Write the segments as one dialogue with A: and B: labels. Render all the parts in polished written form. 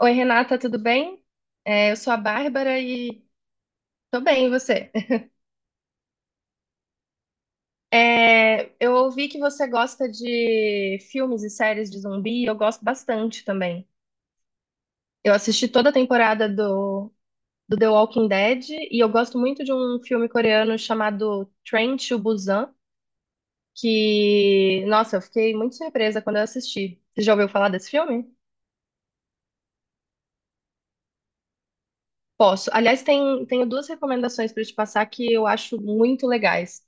A: Oi, Renata, tudo bem? Eu sou a Bárbara e tô bem, e você? Eu ouvi que você gosta de filmes e séries de zumbi, e eu gosto bastante também. Eu assisti toda a temporada do The Walking Dead, e eu gosto muito de um filme coreano chamado Train to Busan, que, nossa, eu fiquei muito surpresa quando eu assisti. Você já ouviu falar desse filme? Posso. Aliás, tenho duas recomendações para te passar que eu acho muito legais,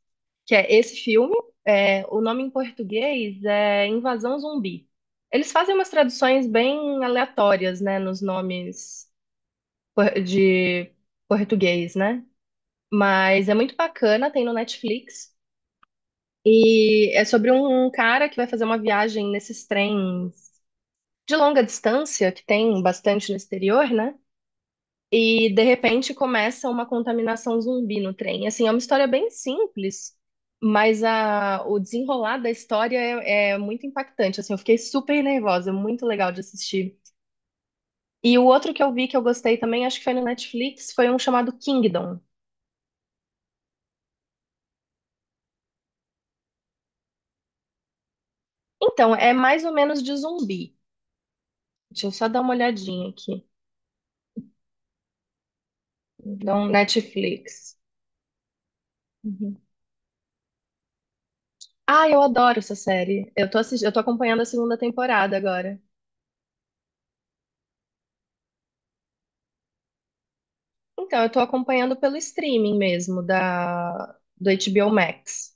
A: que é esse filme, é, o nome em português é Invasão Zumbi. Eles fazem umas traduções bem aleatórias, né, nos nomes de português, né? Mas é muito bacana, tem no Netflix. E é sobre um cara que vai fazer uma viagem nesses trens de longa distância, que tem bastante no exterior, né? E de repente começa uma contaminação zumbi no trem. Assim, é uma história bem simples, mas o desenrolar da história é muito impactante. Assim, eu fiquei super nervosa, muito legal de assistir. E o outro que eu vi que eu gostei também, acho que foi no Netflix, foi um chamado Kingdom. Então, é mais ou menos de zumbi. Deixa eu só dar uma olhadinha aqui. Então, Netflix. Uhum. Ah, eu adoro essa série. Eu tô assistindo, eu tô acompanhando a segunda temporada agora. Então, eu tô acompanhando pelo streaming mesmo da do HBO Max.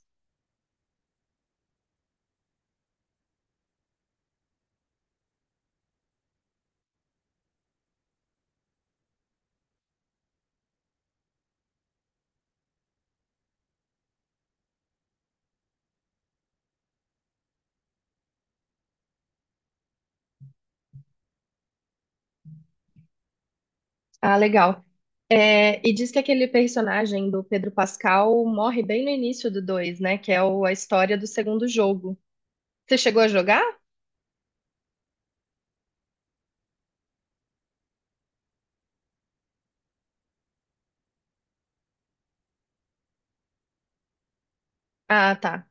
A: Ah, legal. É, e diz que aquele personagem do Pedro Pascal morre bem no início do 2, né? Que é a história do segundo jogo. Você chegou a jogar? Ah, tá.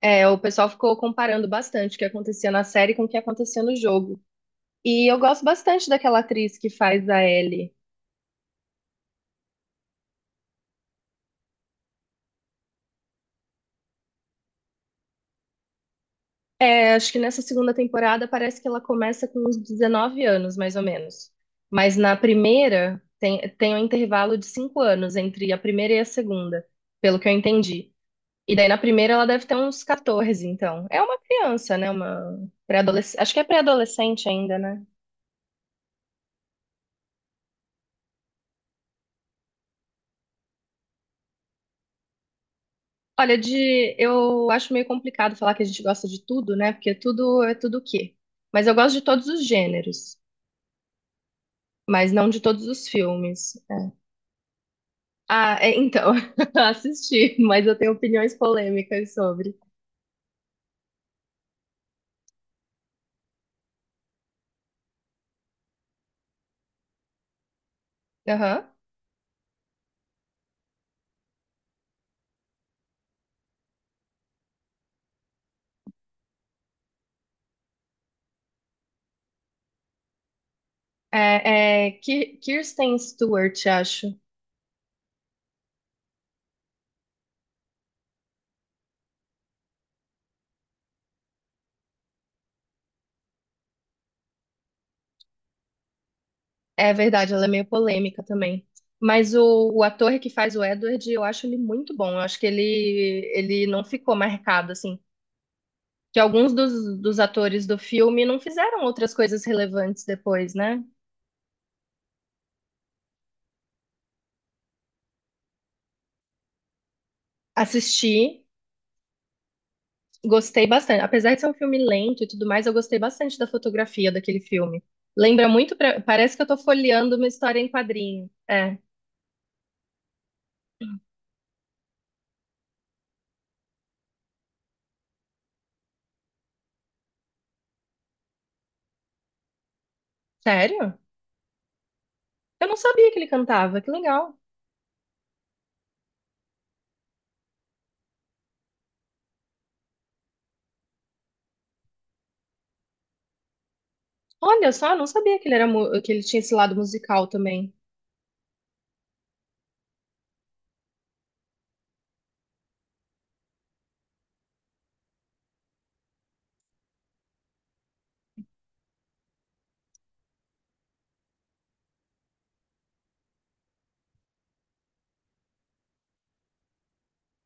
A: É, o pessoal ficou comparando bastante o que acontecia na série com o que acontecia no jogo. E eu gosto bastante daquela atriz que faz a Ellie. É, acho que nessa segunda temporada parece que ela começa com uns 19 anos, mais ou menos. Mas na primeira tem um intervalo de 5 anos entre a primeira e a segunda, pelo que eu entendi. E daí na primeira ela deve ter uns 14, então. É uma criança, né? Uma pré-adolescente. Acho que é pré-adolescente ainda, né? Olha, de eu acho meio complicado falar que a gente gosta de tudo, né? Porque tudo é tudo o quê? Mas eu gosto de todos os gêneros, mas não de todos os filmes. Ah, é, então, assisti, mas eu tenho opiniões polêmicas sobre. Aham. Kirsten Stewart, acho. É verdade, ela é meio polêmica também. Mas o ator que faz o Edward, eu acho ele muito bom. Eu acho que ele não ficou marcado, assim. Que alguns dos atores do filme não fizeram outras coisas relevantes depois, né? Assisti. Gostei bastante. Apesar de ser um filme lento e tudo mais, eu gostei bastante da fotografia daquele filme. Lembra muito, parece que eu tô folheando uma história em quadrinho. É, sério? Eu não sabia que ele cantava, que legal. Olha só, eu não sabia que ele era que ele tinha esse lado musical também.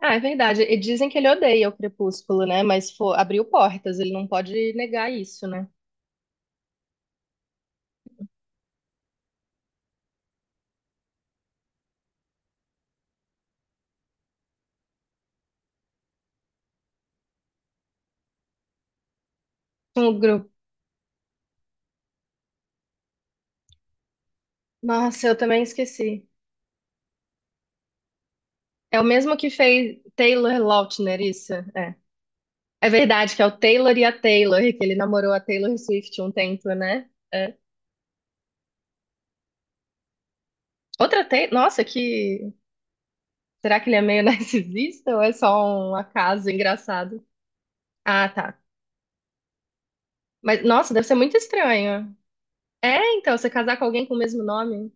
A: Ah, é verdade. E dizem que ele odeia o Crepúsculo, né? Mas abriu portas, ele não pode negar isso, né? Um grupo. Nossa, eu também esqueci. É o mesmo que fez Taylor Lautner, isso? É. É verdade que é o Taylor e a Taylor, que ele namorou a Taylor Swift um tempo, né? É. Outra Taylor. Nossa, que. Será que ele é meio narcisista ou é só um acaso engraçado? Ah, tá. Mas, nossa, deve ser muito estranho. É, então, você casar com alguém com o mesmo nome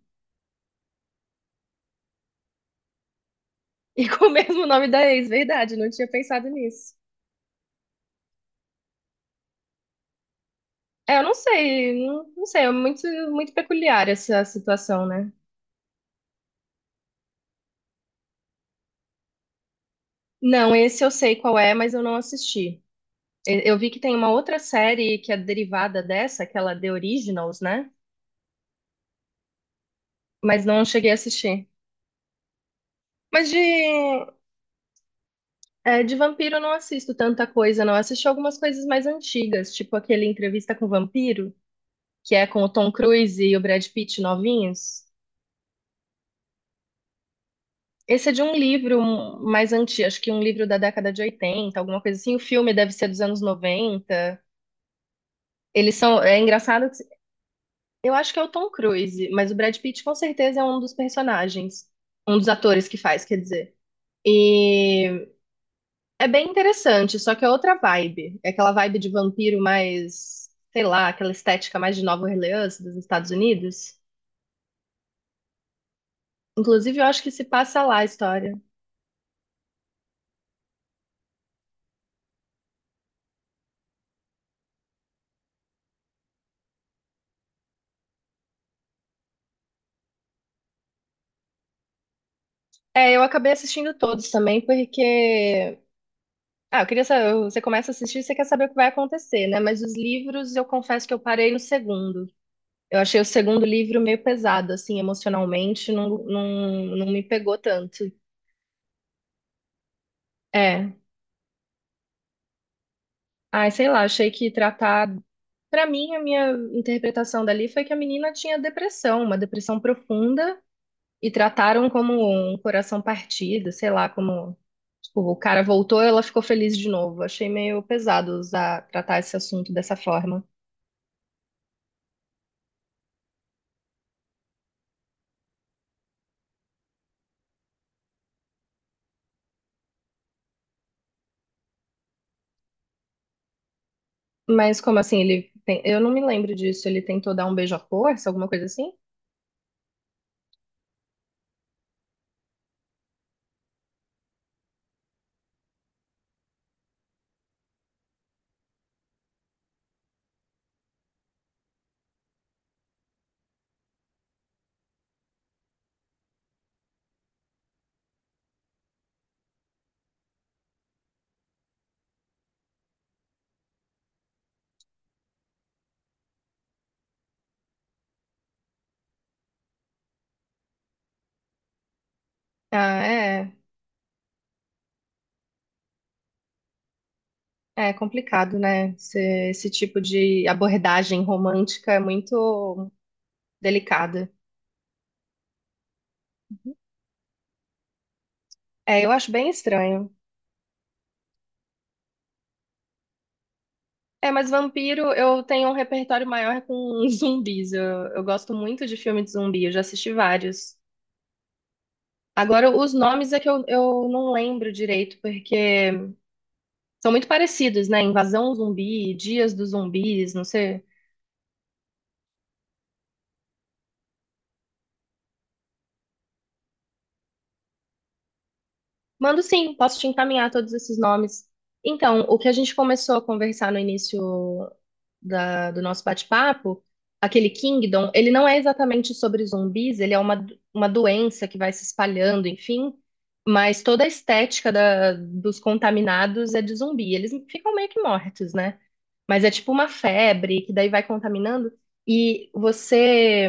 A: e com o mesmo nome da ex, verdade, não tinha pensado nisso. É, eu não sei, não sei, é muito peculiar essa situação, né? Não, esse eu sei qual é, mas eu não assisti. Eu vi que tem uma outra série que é derivada dessa, aquela The Originals, né? Mas não cheguei a assistir. Mas de, de vampiro eu não assisto tanta coisa, não. Eu assisti algumas coisas mais antigas, tipo aquele Entrevista com o Vampiro, que é com o Tom Cruise e o Brad Pitt novinhos. Esse é de um livro mais antigo, acho que um livro da década de 80, alguma coisa assim. O filme deve ser dos anos 90. Eles são. É engraçado. Eu acho que é o Tom Cruise, mas o Brad Pitt com certeza é um dos personagens, um dos atores que faz, quer dizer. E é bem interessante, só que é outra vibe. É aquela vibe de vampiro mais, sei lá, aquela estética mais de Nova Orleans dos Estados Unidos. Inclusive, eu acho que se passa lá a história. É, eu acabei assistindo todos também, porque. Ah, eu queria saber. Você começa a assistir, você quer saber o que vai acontecer, né? Mas os livros, eu confesso que eu parei no segundo. Eu achei o segundo livro meio pesado, assim, emocionalmente, não me pegou tanto. É. Ai, sei lá, achei que tratar. Pra mim, a minha interpretação dali foi que a menina tinha depressão, uma depressão profunda, e trataram como um coração partido, sei lá, como. Tipo, o cara voltou, ela ficou feliz de novo. Achei meio pesado usar, tratar esse assunto dessa forma. Mas como assim, ele tem... Eu não me lembro disso. Ele tentou dar um beijo à força, alguma coisa assim? Ah, é. É complicado, né? Esse tipo de abordagem romântica é muito delicada. É, eu acho bem estranho. É, mas vampiro, eu tenho um repertório maior com zumbis. Eu gosto muito de filme de zumbi, eu já assisti vários. Agora, os nomes é que eu não lembro direito, porque são muito parecidos, né? Invasão zumbi, Dias dos Zumbis, não sei. Mando sim, posso te encaminhar todos esses nomes. Então, o que a gente começou a conversar no início do nosso bate-papo, aquele Kingdom, ele não é exatamente sobre zumbis, ele é uma doença que vai se espalhando, enfim, mas toda a estética dos contaminados é de zumbi. Eles ficam meio que mortos, né? Mas é tipo uma febre que daí vai contaminando e você,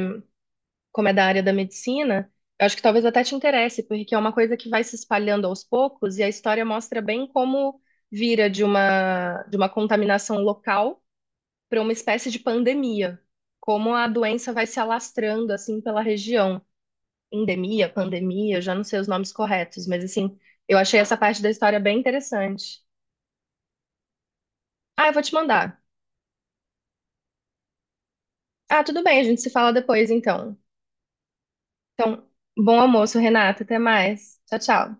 A: como é da área da medicina, eu acho que talvez até te interesse, porque é uma coisa que vai se espalhando aos poucos e a história mostra bem como vira de de uma contaminação local para uma espécie de pandemia, como a doença vai se alastrando assim pela região. Endemia, pandemia, eu já não sei os nomes corretos, mas assim, eu achei essa parte da história bem interessante. Ah, eu vou te mandar. Ah, tudo bem, a gente se fala depois então. Então, bom almoço, Renata, até mais. Tchau, tchau.